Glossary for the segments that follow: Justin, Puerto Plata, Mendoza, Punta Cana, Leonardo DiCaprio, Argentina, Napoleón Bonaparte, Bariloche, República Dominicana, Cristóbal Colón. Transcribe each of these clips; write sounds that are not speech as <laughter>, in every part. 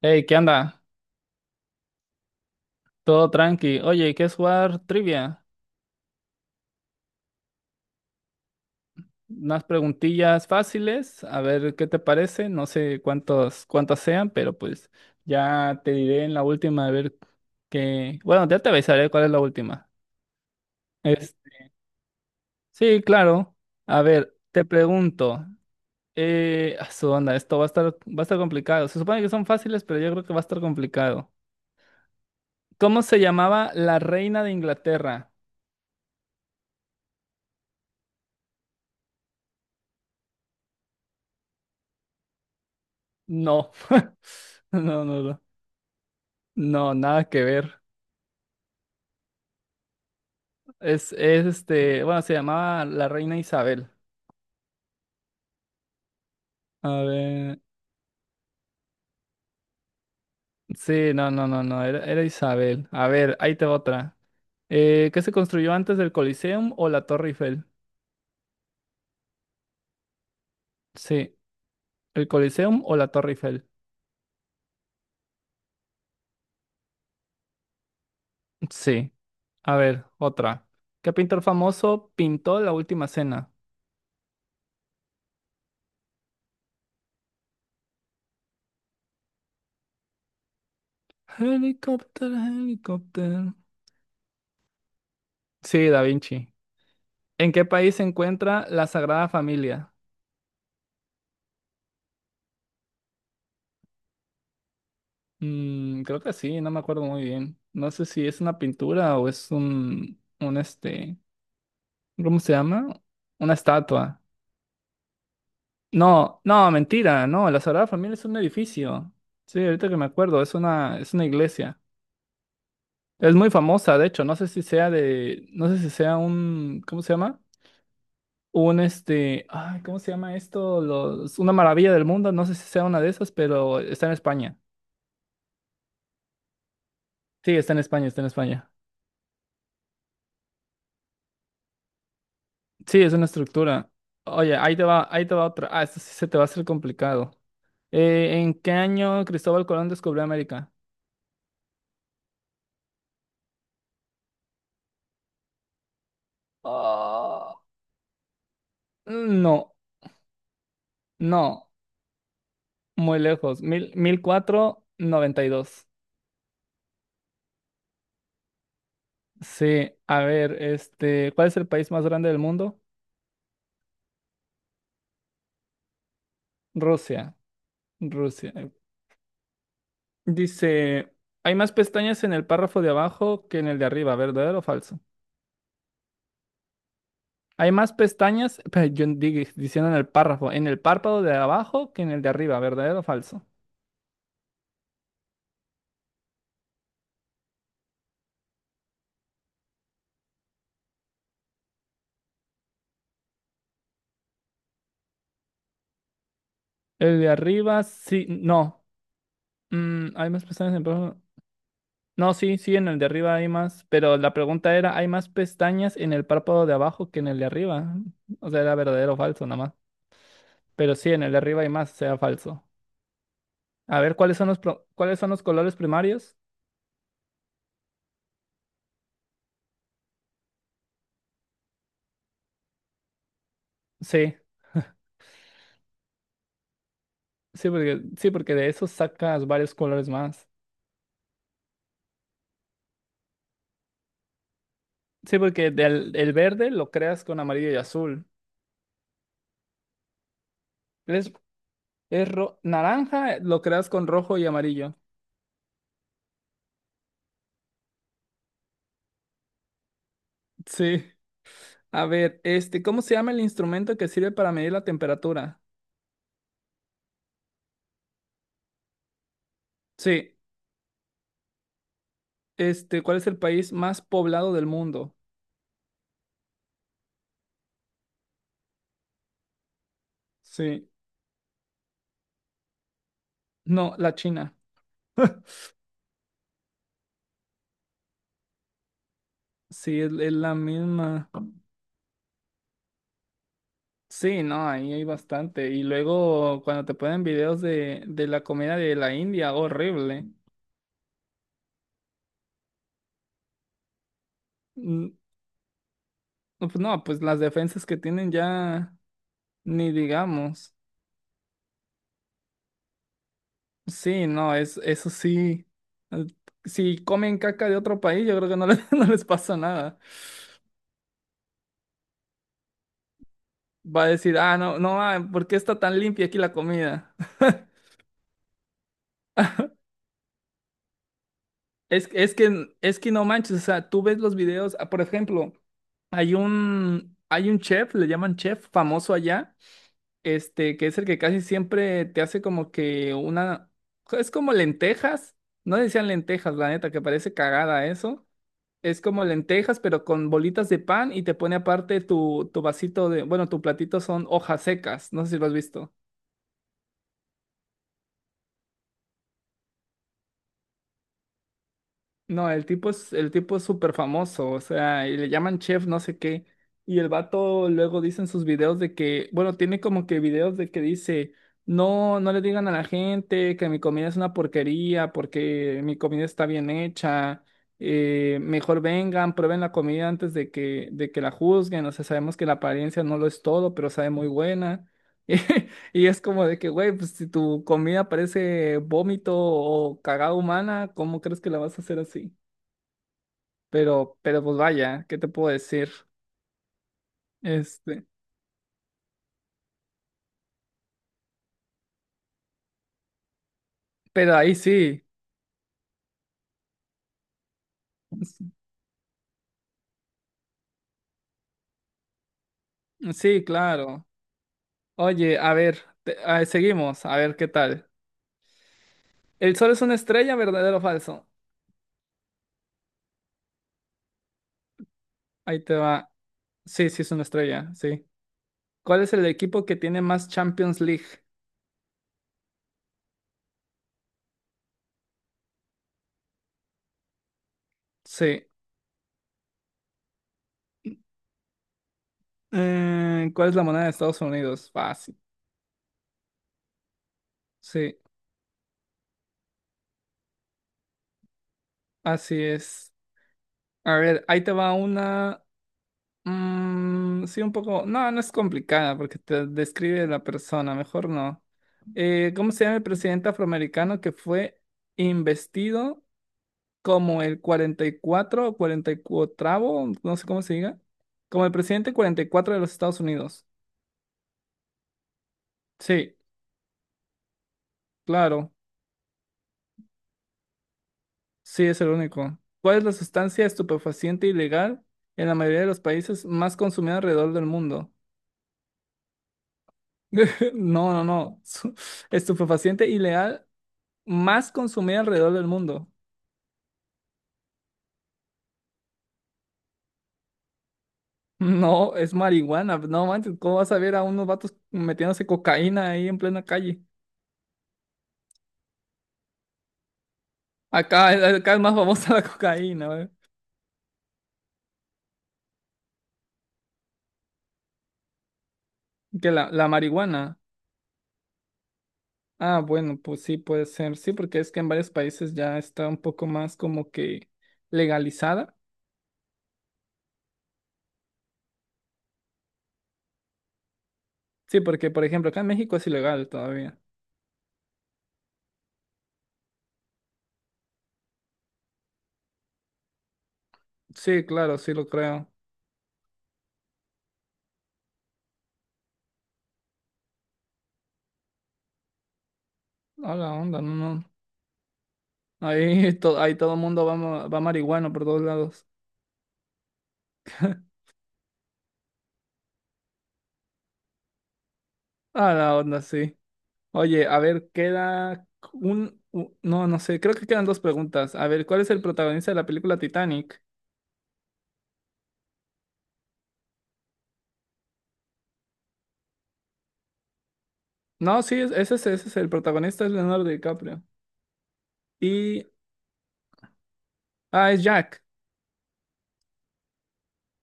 Hey, ¿qué anda? Todo tranqui. Oye, ¿quieres jugar trivia? Unas preguntillas fáciles, a ver qué te parece. No sé cuántos, cuántas sean, pero pues ya te diré en la última a ver qué. Bueno, ya te avisaré cuál es la última. Es- Sí, claro. A ver, te pregunto. A su onda, esto va a estar complicado. Se supone que son fáciles, pero yo creo que va a estar complicado. ¿Cómo se llamaba la reina de Inglaterra? No. <laughs> No, no, no. No, nada que ver. Es este, bueno, se llamaba la reina Isabel. A ver, sí, no, no, no, no, era Isabel. A ver, ahí te va otra. ¿Qué se construyó antes del Coliseum o la Torre Eiffel? Sí, el Coliseum o la Torre Eiffel. Sí, a ver, otra. ¿Qué pintor famoso pintó la última cena? Helicóptero, helicóptero. Sí, Da Vinci. ¿En qué país se encuentra la Sagrada Familia? Creo que sí, no me acuerdo muy bien. No sé si es una pintura o es un este, ¿cómo se llama? Una estatua. No, no, mentira, no, la Sagrada Familia es un edificio. Sí, ahorita que me acuerdo, es una iglesia. Es muy famosa, de hecho, no sé si sea un, ¿cómo se llama? Un este, ay, ¿cómo se llama esto? Una maravilla del mundo, no sé si sea una de esas, pero está en España. Sí, está en España, está en España. Sí, es una estructura. Oye, ahí te va otra. Ah, esto sí se te va a hacer complicado. ¿En qué año Cristóbal Colón descubrió América? Ah, no, no, muy lejos. Mil cuatrocientos noventa y dos. Sí, a ver, este, ¿cuál es el país más grande del mundo? Rusia, Rusia. Dice, hay más pestañas en el párrafo de abajo que en el de arriba, ¿verdadero o falso? Hay más pestañas, diciendo en el párrafo, en el párpado de abajo que en el de arriba, ¿verdadero o falso? El de arriba sí, no. Hay más pestañas en el párpado. No, sí, sí, en el de arriba hay más, pero la pregunta era, ¿hay más pestañas en el párpado de abajo que en el de arriba? O sea, era verdadero o falso nada más. Pero sí, en el de arriba hay más, sea falso. A ver, cuáles son los colores primarios? Sí, sí, porque de esos sacas varios colores más. Sí, porque el verde lo creas con amarillo y azul. Es, Naranja, lo creas con rojo y amarillo. Sí. A ver, este, ¿cómo se llama el instrumento que sirve para medir la temperatura? Sí. Este, ¿cuál es el país más poblado del mundo? Sí. No, la China. Sí, es la misma. Sí, no, ahí hay bastante. Y luego cuando te ponen videos de la comida de la India, horrible. Mm, No, pues no, pues las defensas que tienen ya, ni digamos. Sí, no, eso sí. eh, Si comen caca de otro país, yo creo que no les, <laughs> no les pasa nada. Va a decir, ah, no, no, ah, ¿por qué está tan limpia aquí la comida? <laughs> Es que no manches, o sea, tú ves los videos, ah, por ejemplo, hay un chef, le llaman chef famoso allá, este, que es el que casi siempre te hace como que una, es como lentejas, no decían lentejas, la neta, que parece cagada eso. Es como lentejas, pero con bolitas de pan y te pone aparte tu, vasito de, bueno, tu platito son hojas secas, no sé si lo has visto. No, el tipo es súper famoso, o sea, y le llaman chef no sé qué. Y el vato luego dice en sus videos de que, bueno, tiene como que videos de que dice, no, no le digan a la gente que mi comida es una porquería porque mi comida está bien hecha. Mejor vengan, prueben la comida antes de que la juzguen. O sea, sabemos que la apariencia no lo es todo, pero sabe muy buena. <laughs> Y es como de que, güey, pues si tu comida parece vómito o cagada humana, ¿cómo crees que la vas a hacer así? Pero pues vaya, ¿qué te puedo decir? Este, pero ahí sí, sí, claro. Oye, a ver, seguimos, a ver qué tal. ¿El sol es una estrella, verdadero o falso? Ahí te va. Sí, sí, es una estrella, sí. ¿Cuál es el equipo que tiene más Champions League? Sí. ¿Cuál es la moneda de Estados Unidos? Fácil. Sí, así es. A ver, ahí te va una. Sí, un poco. No, no es complicada porque te describe la persona, mejor no. ¿Cómo se llama el presidente afroamericano que fue investido como el 44 o 44avo? No sé cómo se diga. Como el presidente 44 de los Estados Unidos. Sí, claro. Sí, es el único. ¿Cuál es la sustancia estupefaciente ilegal en la mayoría de los países más consumida alrededor del mundo? <laughs> No, no, no. Estupefaciente ilegal más consumida alrededor del mundo. No, es marihuana. No manches, ¿cómo vas a ver a unos vatos metiéndose cocaína ahí en plena calle? Acá es más famosa <laughs> la cocaína, güey, que la marihuana. Ah, bueno, pues sí puede ser. Sí, porque es que en varios países ya está un poco más como que legalizada. Sí, porque por ejemplo acá en México es ilegal todavía. Sí, claro, sí lo creo. Hola, onda, no, no. Ahí todo el mundo va, va marihuano por todos lados. Ah, la onda, sí. Oye, a ver, queda No, no sé, creo que quedan dos preguntas. A ver, ¿cuál es el protagonista de la película Titanic? No, sí, ese es el protagonista, es Leonardo DiCaprio. Y... Ah, es Jack.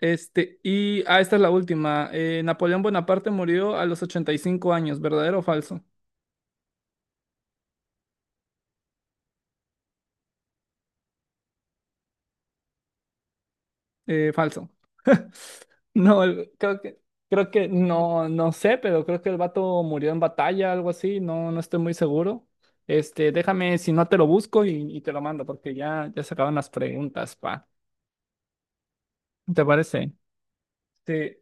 Este, y... Ah, esta es la última. Napoleón Bonaparte murió a los 85 años, ¿verdadero o falso? Falso. <laughs> No, creo que, no, no sé, pero creo que el vato murió en batalla, algo así, no, no estoy muy seguro. Este, déjame, si no te lo busco y te lo mando, porque ya se acaban las preguntas, pa. ¿Te parece? Sí,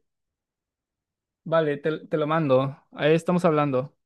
vale, te lo mando. Ahí estamos hablando.